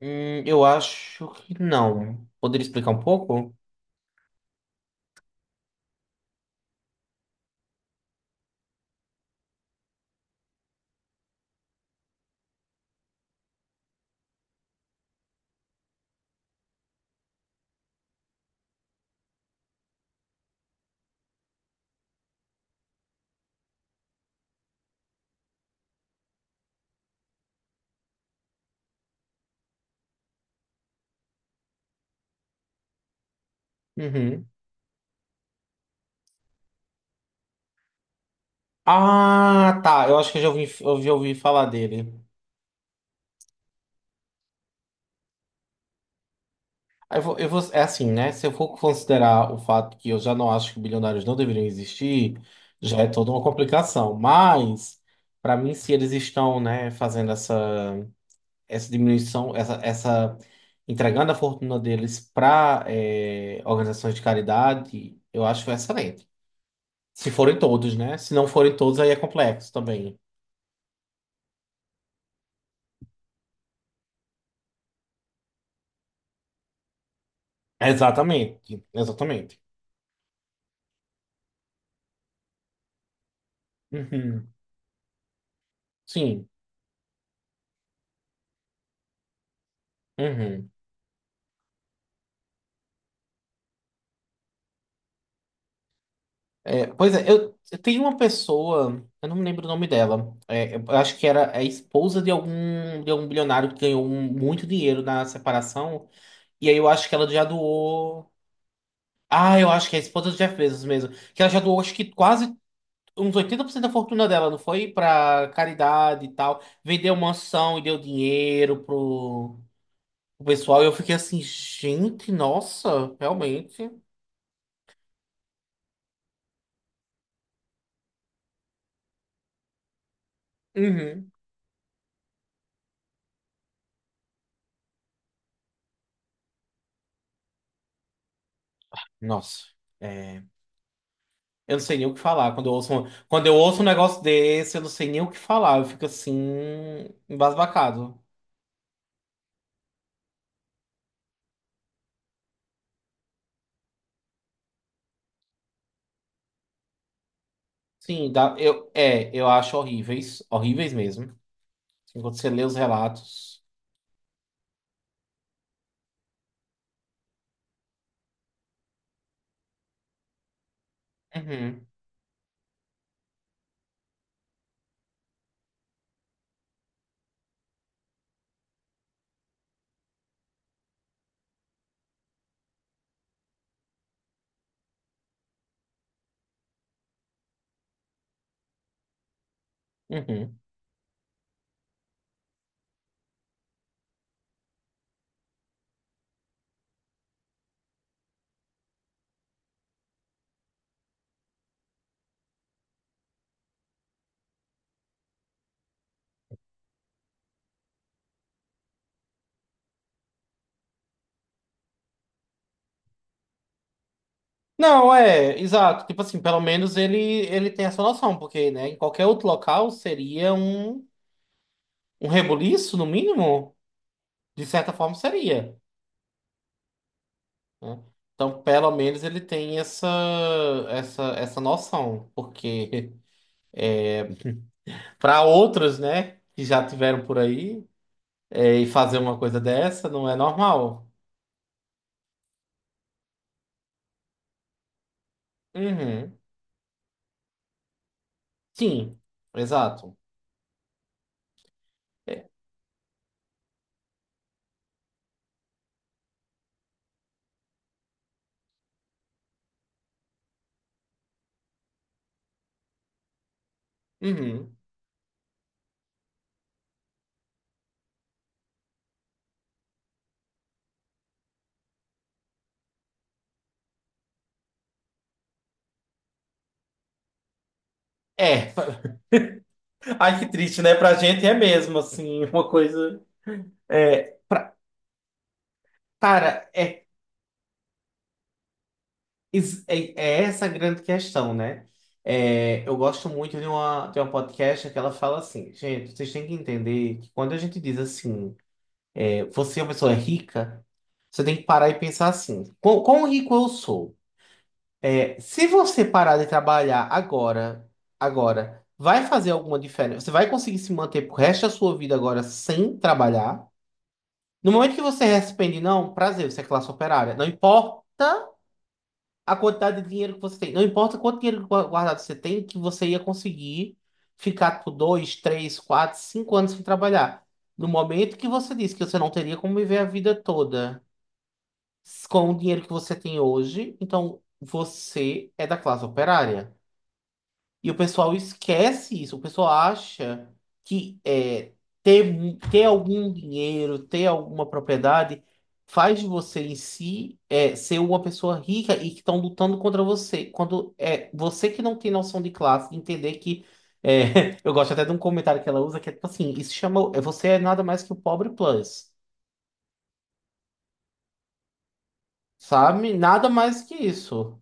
Eu acho que não. Poderia explicar um pouco? Uhum. Ah, tá. Eu acho que eu já ouvi falar dele. Aí é assim, né? Se eu for considerar o fato que eu já não acho que bilionários não deveriam existir, já é toda uma complicação. Mas, para mim, se eles estão, né, fazendo essa diminuição, essa entregando a fortuna deles para organizações de caridade, eu acho excelente. Se forem todos, né? Se não forem todos, aí é complexo também. Exatamente, exatamente. Uhum. Sim. Uhum. É, pois é, eu tenho uma pessoa, eu não me lembro o nome dela. É, eu acho que era a esposa de algum bilionário que ganhou muito dinheiro na separação. E aí eu acho que ela já doou. Ah, eu acho que é a esposa do Jeff Bezos mesmo. Que ela já doou, acho que quase uns 80% da fortuna dela, não foi? Pra caridade e tal. Vendeu mansão e deu dinheiro pro o pessoal, eu fiquei assim, gente, nossa, realmente. Uhum. Nossa, é, eu não sei nem o que falar. Quando eu ouço um negócio desse, eu não sei nem o que falar. Eu fico assim, embasbacado. Sim, dá, eu acho horríveis, horríveis mesmo. Enquanto você lê os relatos. Uhum, uhum. Não, é, exato. Tipo assim, pelo menos ele tem essa noção, porque, né, em qualquer outro local seria um rebuliço, no mínimo. De certa forma seria, né? Então, pelo menos ele tem essa noção, porque para outros, né, que já tiveram por aí, e fazer uma coisa dessa não é normal. Uhum. Sim, exato. É. Uhum. É. Ai, que triste, né? Pra gente é mesmo, assim, uma coisa. É, pra... Cara, é essa a grande questão, né? É, eu gosto muito de uma podcast que ela fala assim, gente, vocês têm que entender que quando a gente diz assim. Você é uma pessoa rica, você tem que parar e pensar assim: quão rico eu sou? É, se você parar de trabalhar agora, agora, vai fazer alguma diferença? Você vai conseguir se manter pro resto da sua vida agora sem trabalhar? No momento que você responde, não, prazer, você é classe operária. Não importa a quantidade de dinheiro que você tem, não importa quanto dinheiro guardado você tem, que você ia conseguir ficar por dois, três, quatro, cinco anos sem trabalhar. No momento que você disse que você não teria como viver a vida toda, com o dinheiro que você tem hoje, então você é da classe operária. E o pessoal esquece isso, o pessoal acha que ter algum dinheiro, ter alguma propriedade, faz de você em si ser uma pessoa rica e que estão lutando contra você. Quando é você que não tem noção de classe, entender que. Eu gosto até de um comentário que ela usa que é tipo assim: isso chama. Você é nada mais que o pobre plus, sabe? Nada mais que isso.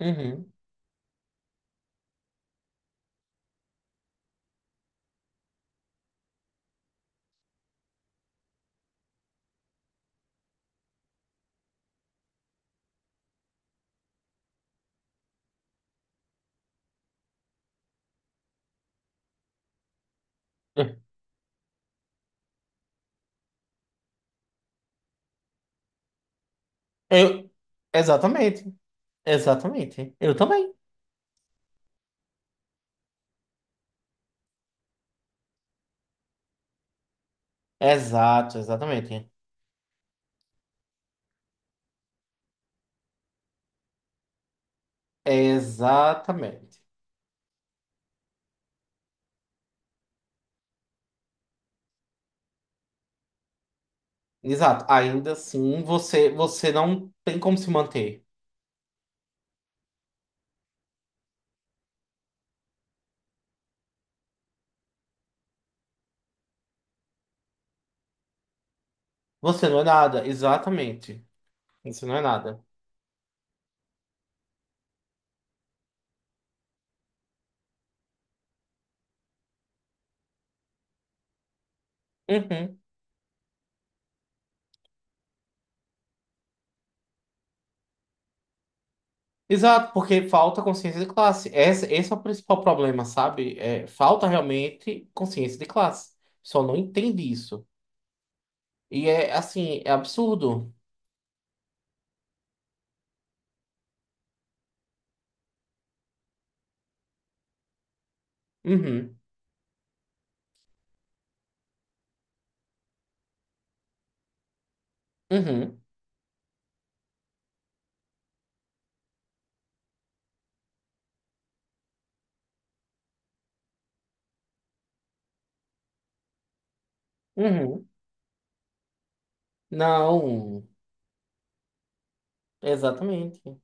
Uhum. Eu, exatamente, exatamente. Eu também. Exato, exatamente. Exatamente. Exato. Ainda assim, você não tem como se manter. Você não é nada, exatamente. Você não é nada. Uhum. Exato, porque falta consciência de classe. Esse é o principal problema, sabe? É, falta realmente consciência de classe. Só não entende isso. E é assim, é absurdo. Uhum, uhum, uhum. Não, exatamente.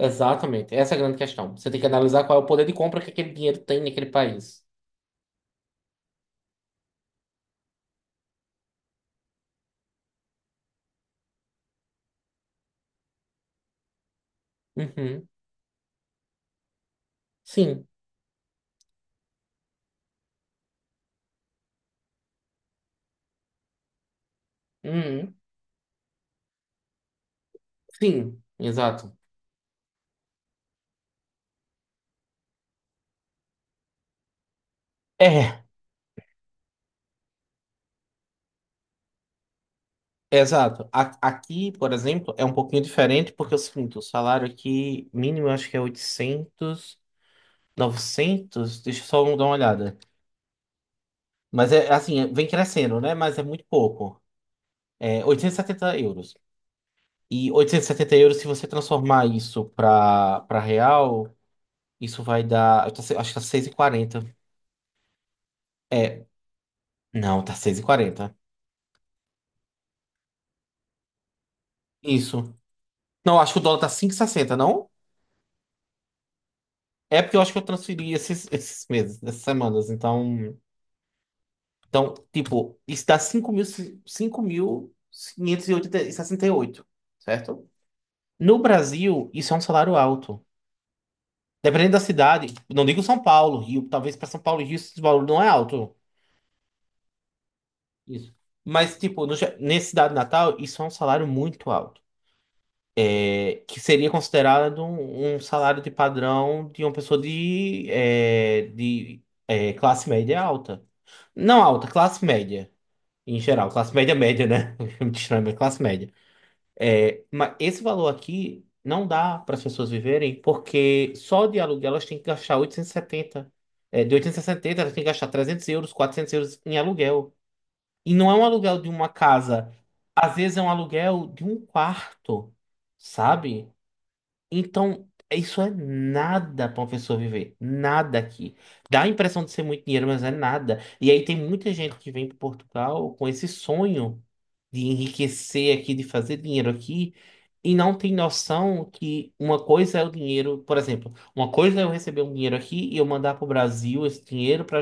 Exatamente, essa é a grande questão. Você tem que analisar qual é o poder de compra que aquele dinheiro tem naquele país. Uhum. Sim. Uhum. Sim, exato. É, exato. Aqui, por exemplo, é um pouquinho diferente porque é o seguinte, o salário aqui mínimo eu acho que é oitocentos, novecentos, deixa eu só dar uma olhada. Mas é assim, vem crescendo, né? Mas é muito pouco. É 870 euros. E 870 euros, se você transformar isso para real, isso vai dar, eu tô acho que tá 6,40. Não, tá 6,40. Isso. Não, acho que o dólar tá 5,60, não? É porque eu acho que eu transferi esses, esses meses, essas semanas. Então, tipo, isso dá 5.568, certo? No Brasil, isso é um salário alto. Dependendo da cidade, não digo São Paulo, Rio, talvez para São Paulo e Rio esse valor não é alto. Isso. Mas, tipo, no, ge- nesse cidade Natal, isso é um salário muito alto, que seria considerado um salário de padrão de uma pessoa classe média alta. Não alta, classe média. Em geral, classe média média, né? Muito estranho, mas classe média. É, mas esse valor aqui não dá para as pessoas viverem, porque só de aluguel elas têm que gastar 870. É, de 870 elas têm que gastar 300 euros, 400 € em aluguel. E não é um aluguel de uma casa. Às vezes é um aluguel de um quarto, sabe? Então, isso é nada para uma pessoa viver. Nada aqui. Dá a impressão de ser muito dinheiro, mas é nada. E aí tem muita gente que vem para Portugal com esse sonho de enriquecer aqui, de fazer dinheiro aqui, e não tem noção que uma coisa é o dinheiro, por exemplo, uma coisa é eu receber um dinheiro aqui e eu mandar para o Brasil esse dinheiro para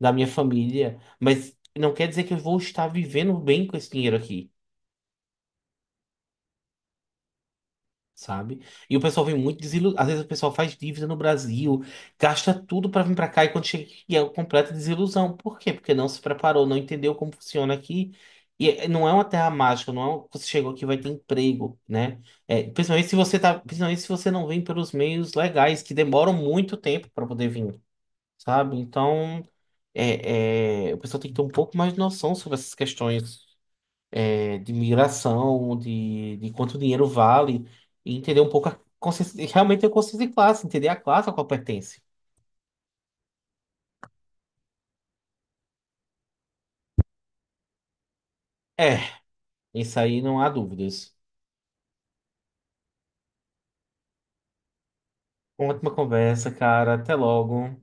da minha família, mas não quer dizer que eu vou estar vivendo bem com esse dinheiro aqui, sabe? E o pessoal vem muito desiludido. Às vezes o pessoal faz dívida no Brasil, gasta tudo pra vir pra cá e quando chega aqui é uma completa desilusão. Por quê? Porque não se preparou, não entendeu como funciona aqui. E não é uma terra mágica, não é você chegou aqui e vai ter emprego, né? É, principalmente se você tá, principalmente se você não vem pelos meios legais, que demoram muito tempo pra poder vir, sabe? Então, o pessoal tem que ter um pouco mais de noção sobre essas questões de migração, de quanto dinheiro vale, e entender um pouco a consciência, realmente a consciência de classe, entender a classe a qual pertence. É, isso aí não há dúvidas. Ótima conversa, cara. Até logo.